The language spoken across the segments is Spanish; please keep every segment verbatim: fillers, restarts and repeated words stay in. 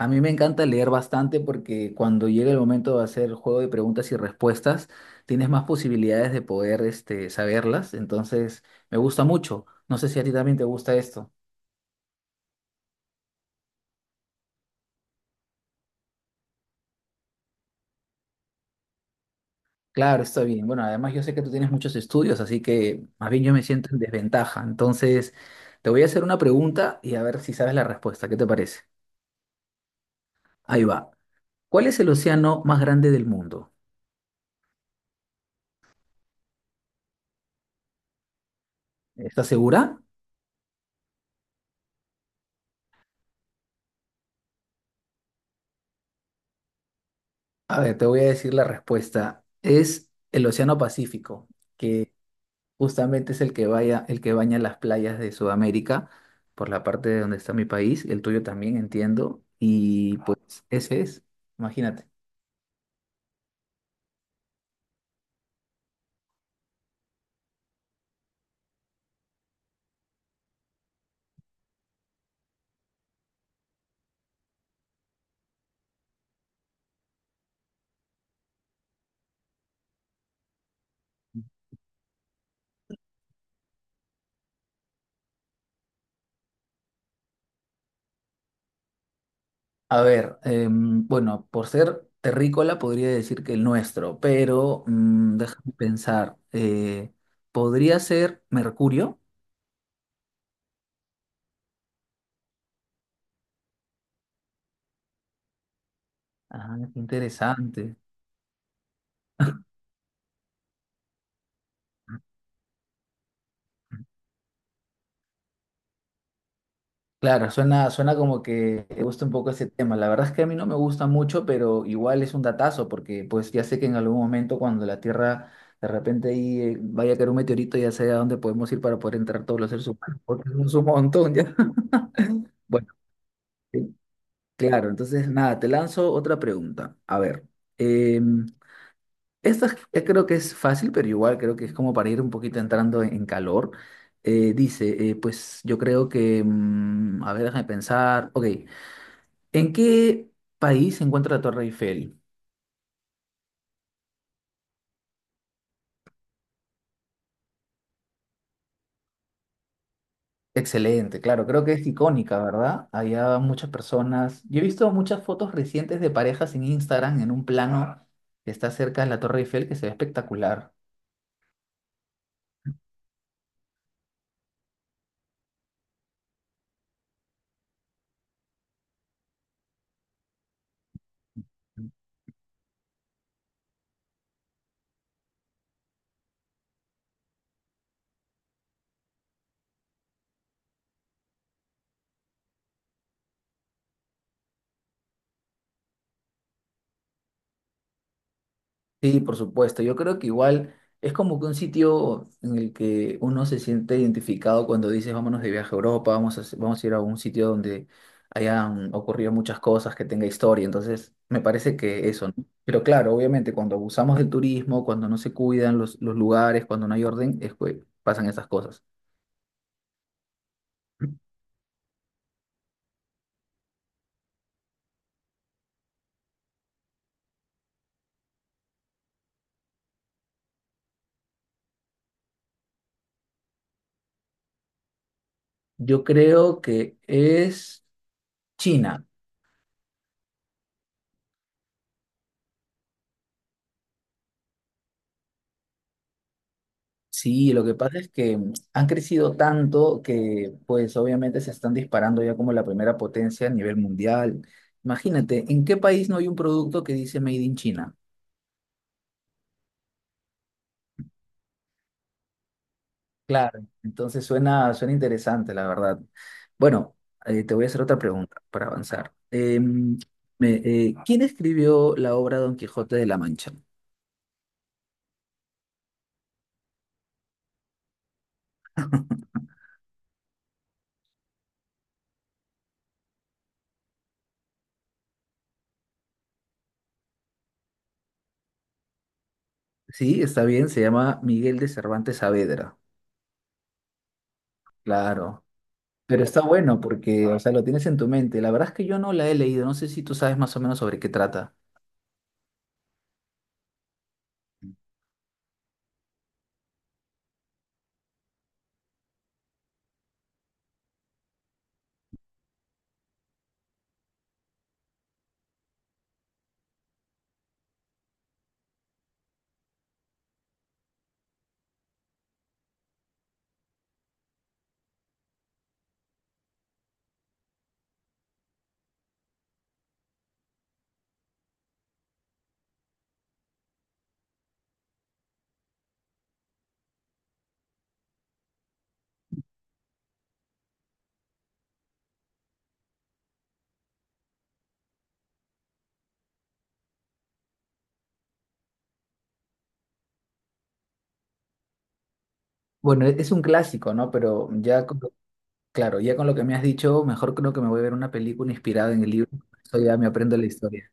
A mí me encanta leer bastante porque cuando llega el momento de hacer juego de preguntas y respuestas, tienes más posibilidades de poder, este, saberlas. Entonces, me gusta mucho. No sé si a ti también te gusta esto. Claro, está bien. Bueno, además yo sé que tú tienes muchos estudios, así que más bien yo me siento en desventaja. Entonces, te voy a hacer una pregunta y a ver si sabes la respuesta. ¿Qué te parece? Ahí va. ¿Cuál es el océano más grande del mundo? ¿Estás segura? A ver, te voy a decir la respuesta. Es el Océano Pacífico que justamente es el que vaya, el que baña las playas de Sudamérica, por la parte de donde está mi país, el tuyo también entiendo, y pues ese es, imagínate. A ver, em, bueno, por ser terrícola podría decir que el nuestro, pero mm, déjame pensar, eh, podría ser Mercurio. Ah, qué interesante. Claro, suena, suena como que te gusta un poco ese tema. La verdad es que a mí no me gusta mucho, pero igual es un datazo, porque pues ya sé que en algún momento cuando la Tierra de repente ahí eh, vaya a caer un meteorito, ya sé a dónde podemos ir para poder entrar todos los seres humanos, porque no es un montón ya. Bueno, eh, claro, entonces nada, te lanzo otra pregunta. A ver, eh, esta es- eh, creo que es fácil, pero igual creo que es como para ir un poquito entrando en en calor. Eh, dice, eh, pues yo creo que, mm, a ver, déjame pensar, ok. ¿En qué país se encuentra la Torre Eiffel? Excelente, claro, creo que es icónica, ¿verdad? Había muchas personas. Yo he visto muchas fotos recientes de parejas en Instagram en un plano que está cerca de la Torre Eiffel que se ve espectacular. Sí, por supuesto. Yo creo que igual es como que un sitio en el que uno se siente identificado cuando dices vámonos de viaje a Europa, vamos a, vamos a ir a un sitio donde hayan ocurrido muchas cosas, que tenga historia. Entonces, me parece que eso, ¿no? Pero claro, obviamente cuando abusamos del turismo, cuando no se cuidan los, los lugares, cuando no hay orden, es que pasan esas cosas. Yo creo que es China. Sí, lo que pasa es que mm, han crecido tanto que pues obviamente se están disparando ya como la primera potencia a nivel mundial. Imagínate, ¿en qué país no hay un producto que dice Made in China? Claro, entonces suena, suena interesante, la verdad. Bueno, eh, te voy a hacer otra pregunta para avanzar. Em, me- eh, ¿quién escribió la obra Don Quijote de la Mancha? Sí, está bien, se llama Miguel de Cervantes Saavedra. Claro. Pero está bueno porque, o sea, lo tienes en tu mente. La verdad es que yo no la he leído, no sé si tú sabes más o menos sobre qué trata. Bueno, e- es un clásico, ¿no? Pero ya, con lo- claro, ya con lo que me has dicho, mejor creo que me voy a ver una película inspirada en el libro. Eso ya me aprendo la historia.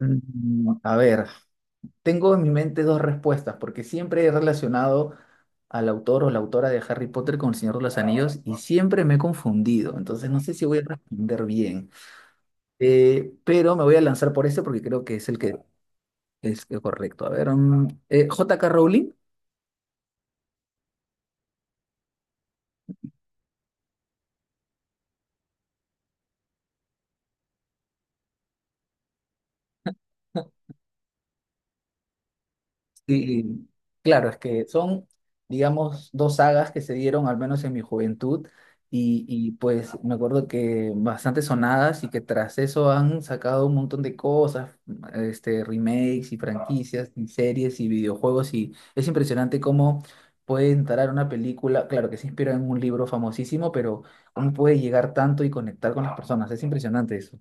Mm, A ver, tengo en mi mente dos respuestas, porque siempre he relacionado al autor o la autora de Harry Potter con El Señor de los Anillos y siempre me he confundido, entonces no sé si voy a responder bien. Eh, pero me voy a lanzar por ese porque creo que es el que Es que correcto. A ver, mm, eh, J K. Rowling. Sí, claro, es que son, digamos, dos sagas que se dieron al menos en mi juventud y, y, pues me acuerdo que bastante sonadas y que tras eso han sacado un montón de cosas, este, remakes y franquicias y series y videojuegos y es impresionante cómo puede entrar una película, claro que se inspira en un libro famosísimo, pero cómo puede llegar tanto y conectar con las personas, es impresionante eso.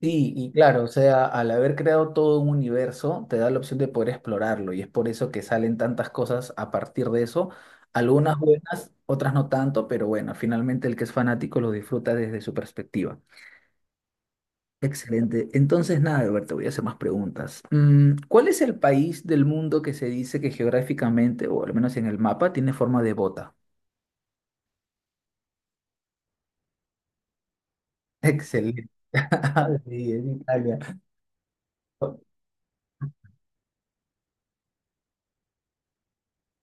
Sí, y claro, o sea, al haber creado todo un universo, te da la opción de poder explorarlo y es por eso que salen tantas cosas a partir de eso, algunas buenas, otras no tanto, pero bueno, finalmente el que es fanático lo disfruta desde su perspectiva. Excelente. Entonces, nada, Alberto, te voy a hacer más preguntas. Mm, ¿cuál es el país del mundo que se dice que geográficamente, o al menos en el mapa, tiene forma de bota? Excelente. Sí, es Italia.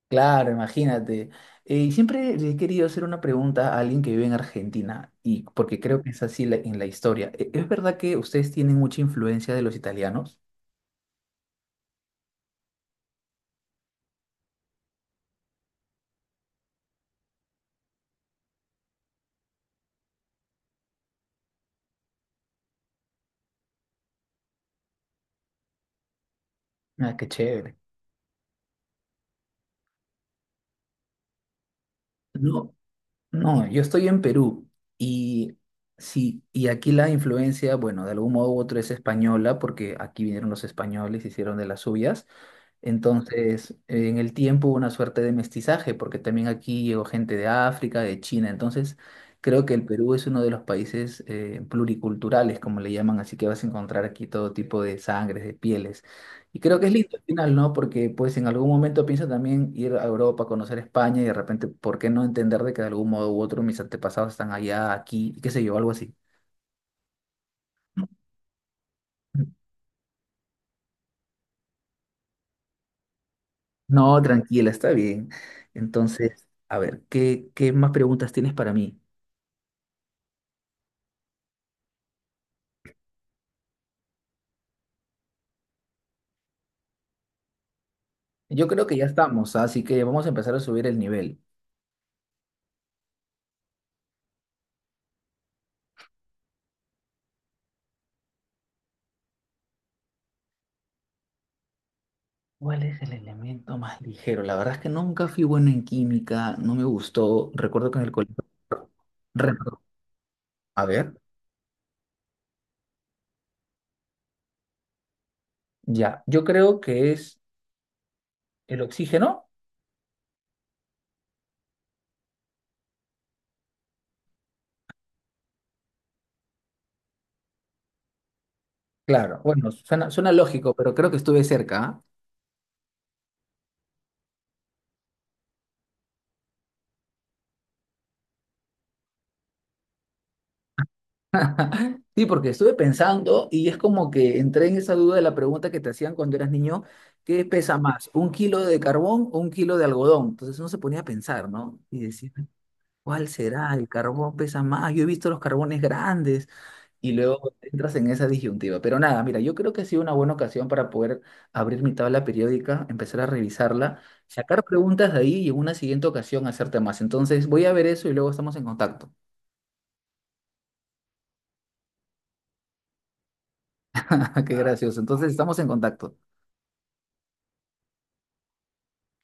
Claro, imagínate. Eh, y siempre le he querido hacer una pregunta a alguien que vive en Argentina, y porque creo que es así la- en la historia. E- ¿Es verdad que ustedes tienen mucha influencia de los italianos? Ah, qué chévere. No, no, yo estoy en Perú y sí, y aquí la influencia, bueno, de algún modo u otro es española, porque aquí vinieron los españoles, hicieron de las suyas. Entonces, eh, en el tiempo hubo una suerte de mestizaje, porque también aquí llegó gente de África, de China. Entonces, creo que el Perú es uno de los países eh, pluriculturales, como le llaman, así que vas a encontrar aquí todo tipo de sangres, de pieles. Y creo que es lindo al final, ¿no? Porque pues en algún momento pienso también ir a Europa, conocer España y de repente, ¿por qué no entender de que de algún modo u otro mis antepasados están allá, aquí, y qué sé yo, algo así? No, tranquila, está bien. Entonces, a ver, ¿qué, ¿qué más preguntas tienes para mí? Yo creo que ya estamos, ¿ah?, así que vamos a empezar a subir el nivel. ¿Cuál es el elemento más ligero? La verdad es que nunca fui bueno en química, no me gustó. Recuerdo que en el colegio... repro- A ver, ya. Yo creo que es el oxígeno. Claro, bueno, suena, suena lógico, pero creo que estuve cerca, ¿ah? Sí, porque estuve pensando y es como que entré en esa duda de la pregunta que te hacían cuando eras niño, ¿qué pesa más, un kilo de carbón o un kilo de algodón? Entonces uno se ponía a pensar, ¿no? Y decía, ¿cuál será? El carbón pesa más. Yo he visto los carbones grandes y luego entras en esa disyuntiva. Pero nada, mira, yo creo que ha sido una buena ocasión para poder abrir mi tabla periódica, empezar a revisarla, sacar preguntas de ahí y en una siguiente ocasión hacerte más. Entonces voy a ver eso y luego estamos en contacto. Qué gracioso. Entonces estamos en contacto.